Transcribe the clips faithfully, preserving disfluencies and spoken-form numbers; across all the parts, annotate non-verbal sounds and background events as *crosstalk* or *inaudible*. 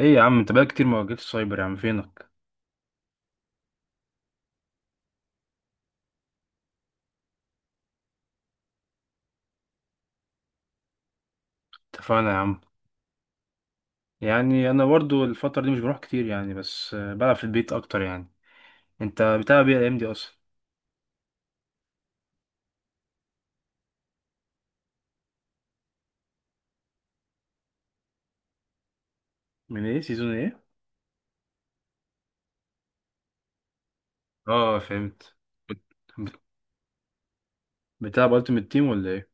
ايه يا عم، انت بقالك كتير ما واجهتش سايبر، يا عم فينك؟ اتفقنا يا عم. يعني انا برضو الفترة دي مش بروح كتير يعني، بس آه، بلعب في البيت اكتر يعني. انت بتلعب ايه الايام دي اصلا؟ من ايه؟ سيزون ايه؟ اه فهمت. بت- بتلعب التيمت تيم ولا ايه؟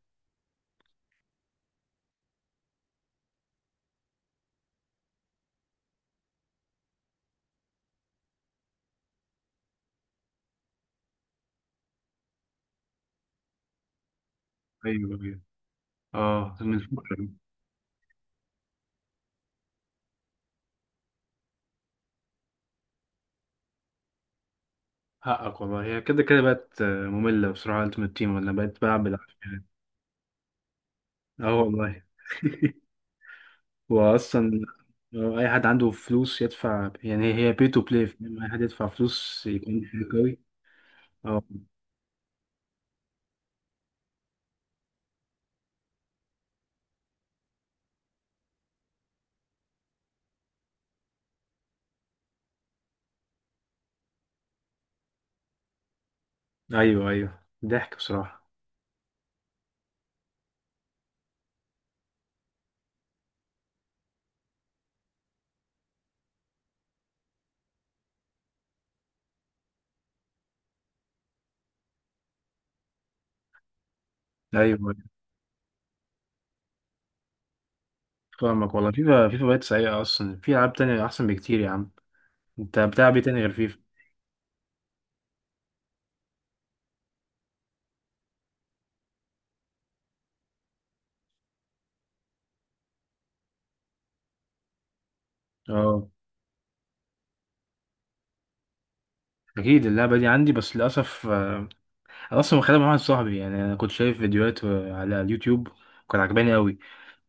ايوه ايوه، اه من الفترة دي. حقك والله، هي كده كده بقت آه، مملة بصراحة، التيمت تيم ولا بقت بلعب بالعافية يعني. اه والله. *laughs* واصلا لو اي حد عنده فلوس يدفع، يعني هي بي تو بلاي، اي حد يدفع فلوس يكون حلو قوي. اه، ايوه ايوه ضحك بصراحه. ايوه أيوة. فاهمك والله، فيفا فيفا بقت سيئه اصلا، في العاب تانية احسن بكتير يا عم. انت بتلعب ايه تاني غير فيفا؟ اه اكيد، اللعبه دي عندي بس للاسف آه، انا اصلا واخدها مع واحد صاحبي، يعني انا كنت شايف فيديوهات آه، على اليوتيوب، كان عجباني قوي.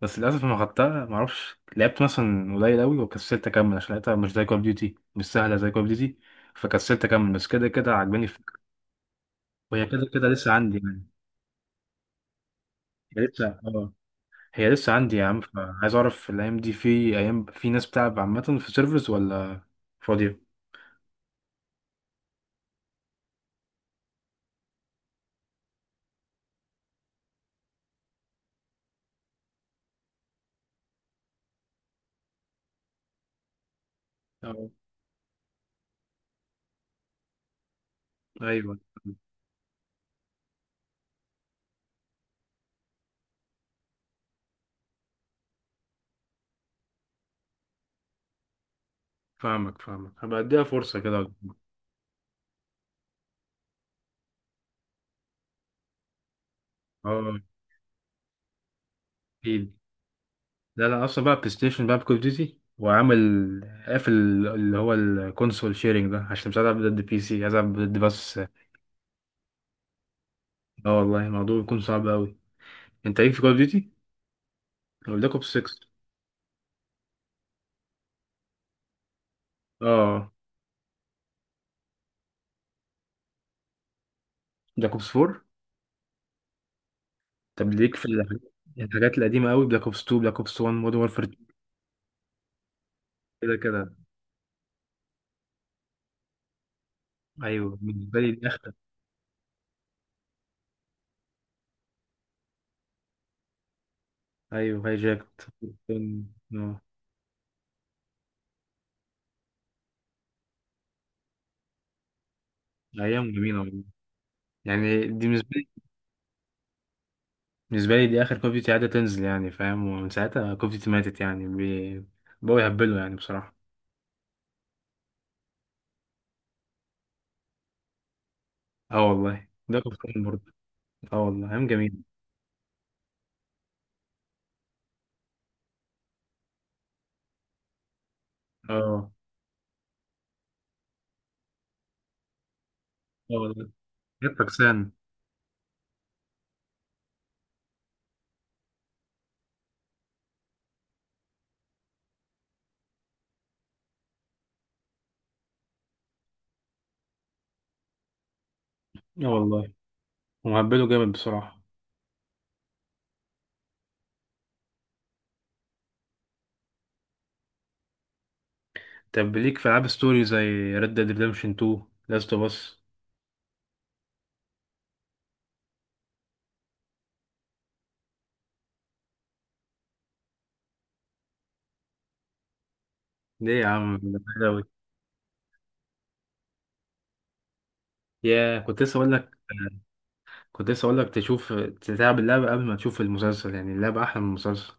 بس للاسف ما خدتها ما اعرفش، لعبت مثلا قليل قوي وكسلت اكمل عشان لقيتها مش زي كول اوف ديوتي، مش سهله زي كول اوف ديوتي، فكسلت اكمل، بس كده كده عجباني الفكره. وهي كده كده لسه عندي يعني، هي لسه اه، هي لسه عندي يا عم، فعايز اعرف الايام دي في ايام، في ناس بتلعب عامه في سيرفرز ولا فاضيه؟ اه ايوه. فاهمك فاهمك، هبقى اديها فرصه كده. اه اكيد. لا لا، اصلا بقى بلاي ستيشن بقى بكول ديوتي وعامل قافل اللي هو الكونسول شيرنج ده، عشان مش عايز العب ضد بي سي، عايز العب ضد بس. اه والله، الموضوع بيكون صعب قوي. انت ليك في كول ديوتي ولا بلاك اوبس سيكس؟ اه، بلاك اوبس فور. طب ليك في الحاجات، الحاجات القديمه قوي؟ بلاك اوبس اتنين، بلاك اوبس وان، مودرن وورفير. كده كده. ايوه، بالنسبه لي دي اخر. ايوه هاي جاكت. آه، ايام جميله والله. يعني دي بالنسبه لي، بالنسبه لي دي اخر كوف ديوتي قاعده تنزل يعني فاهم، ومن ساعتها كوف ديوتي ماتت يعني، بي- بقوا يهبلوا يعني بصراحه. اه والله ده كفتين برضه. اه والله ايام جميله. اه اه والله، جت فكسان. اه والله، ومهبلوا جامد بصراحه. طب ليك في العاب ستوري زي ريد ديد ريدمشن تو، لاست اوف اس؟ ليه يا عم ده حلوة أوي. يا كنت لسه اقول لك، كنت لسه اقول لك تشوف تلعب اللعبة قبل ما تشوف المسلسل، يعني اللعبة احلى من المسلسل.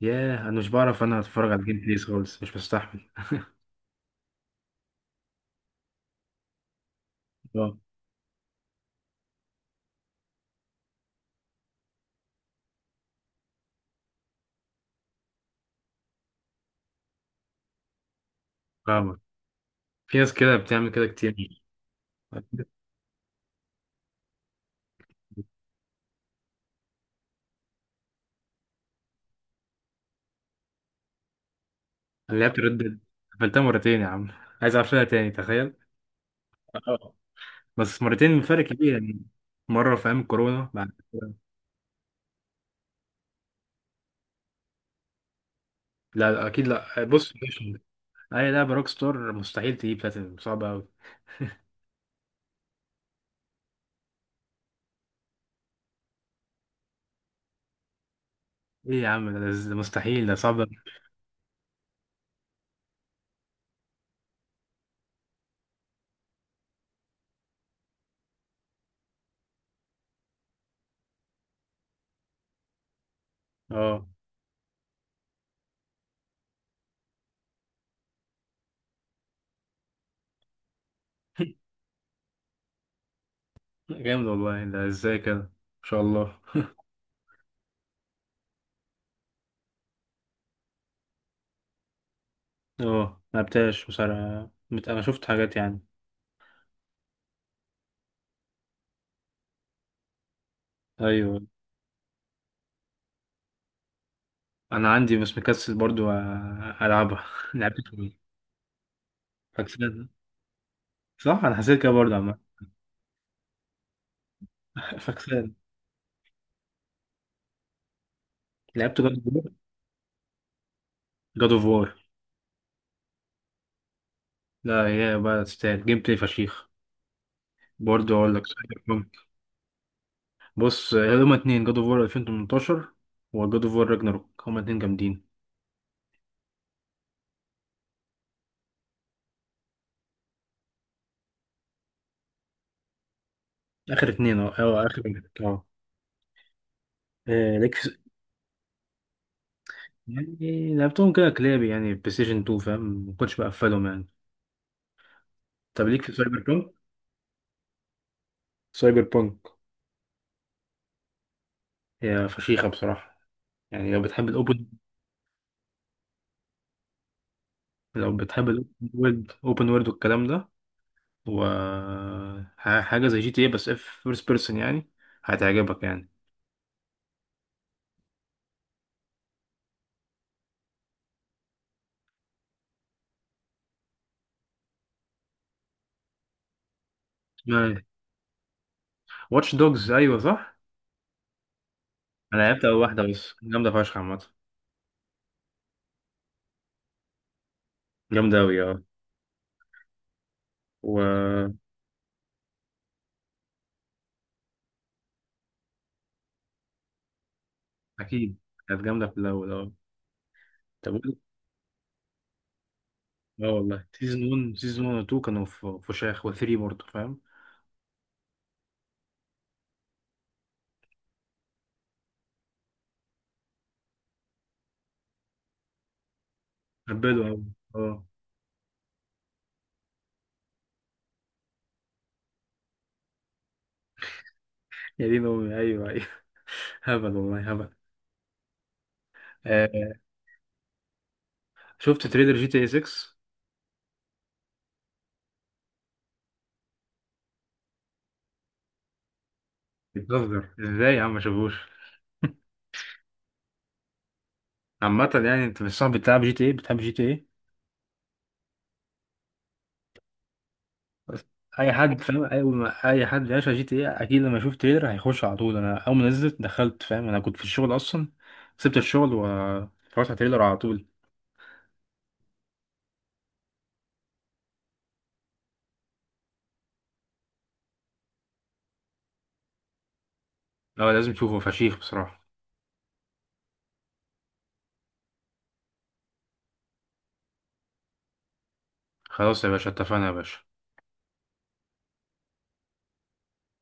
ياه، انا مش بعرف، انا اتفرج على الجيم بليز خالص مش بستحمل. اه فاهمك، في ناس كده بتعمل كده كتير. انا لعبت ردد، قفلتها مرتين يا عم، عايز اقفلها تاني تخيل. اه بس مرتين فرق كبير يعني. مرة في ايام الكورونا، بعد كده- لا لا، اكيد لا، بص مش- اي لعبة روك ستار مستحيل تجيب بلاتينم، صعبة اوي. ايه يا عم ده، ده مستحيل، ده صعب أوي. اه جامد والله، ده ازاي كده؟ ان شاء الله. اه ملعبتهاش بصراحة، مت- انا شفت حاجات يعني. ايوه. انا عندي بس مكسل برضو أ- العبها. *laughs* لعبت ايه؟ فاكسان، صح انا حسيت كده برضو عم. *laughs* فاكسان. لعبت جاد اوف وور؟ جاد اوف وور، لا هي بقى تستاهل جيم بلاي فشيخ، برضو اقول لك. بص، هما اتنين: جاد اوف وور الفين وتمنتاشر وجاد اوف وور راجناروك، هما اتنين جامدين. اخر اتنين اه. اه اخر اتنين اه. آه، ليك في- يعني لعبتهم كده كلابي يعني، بلاي ستيشن تو فاهم، ما كنتش بقفلهم يعني. طب ليك في سايبر؟ سايبر بانك. هي فشيخة بصراحة، يعني لو بتحب الأوبن، لو بتحب الأوبن وورد، أوبن وورد والكلام ده، و ح- حاجة زي جي تي اي بس اف فيرست بيرسون يعني، هتعجبك يعني. واتش دوجز، أيوة صح. أنا لعبت أول واحدة بس، جامدة فشخ عامة. جامدة أوي أه. وأكيد. كانت جامدة في الأول أه. طب وإيه؟ أه والله، سيزون وان، سيزون واحد و اتنين كانوا في فشاخ، وتلاتة برضه فاهم. هبلوا أوي أه. يا دين أمي، أيوة أيوة. *laughs* هبل والله هبل. آه، شفت تريلر جي تي اي سيكس؟ بتهزر ازاي يا عم ما شافوش! عامة يعني، انت مش صاحب بتلعب جي تي اي، بتحب جي تي اي؟ بس اي حد فاهم، اي ما اي حد بيعشق جي تي اي اكيد لما يشوف تريلر هيخش على طول. انا اول ما نزلت دخلت فاهم، انا كنت في الشغل اصلا، سبت الشغل واتفرجت على تريلر على طول. لا لازم تشوفه فشيخ بصراحة. خلاص يا باشا، اتفقنا يا باشا.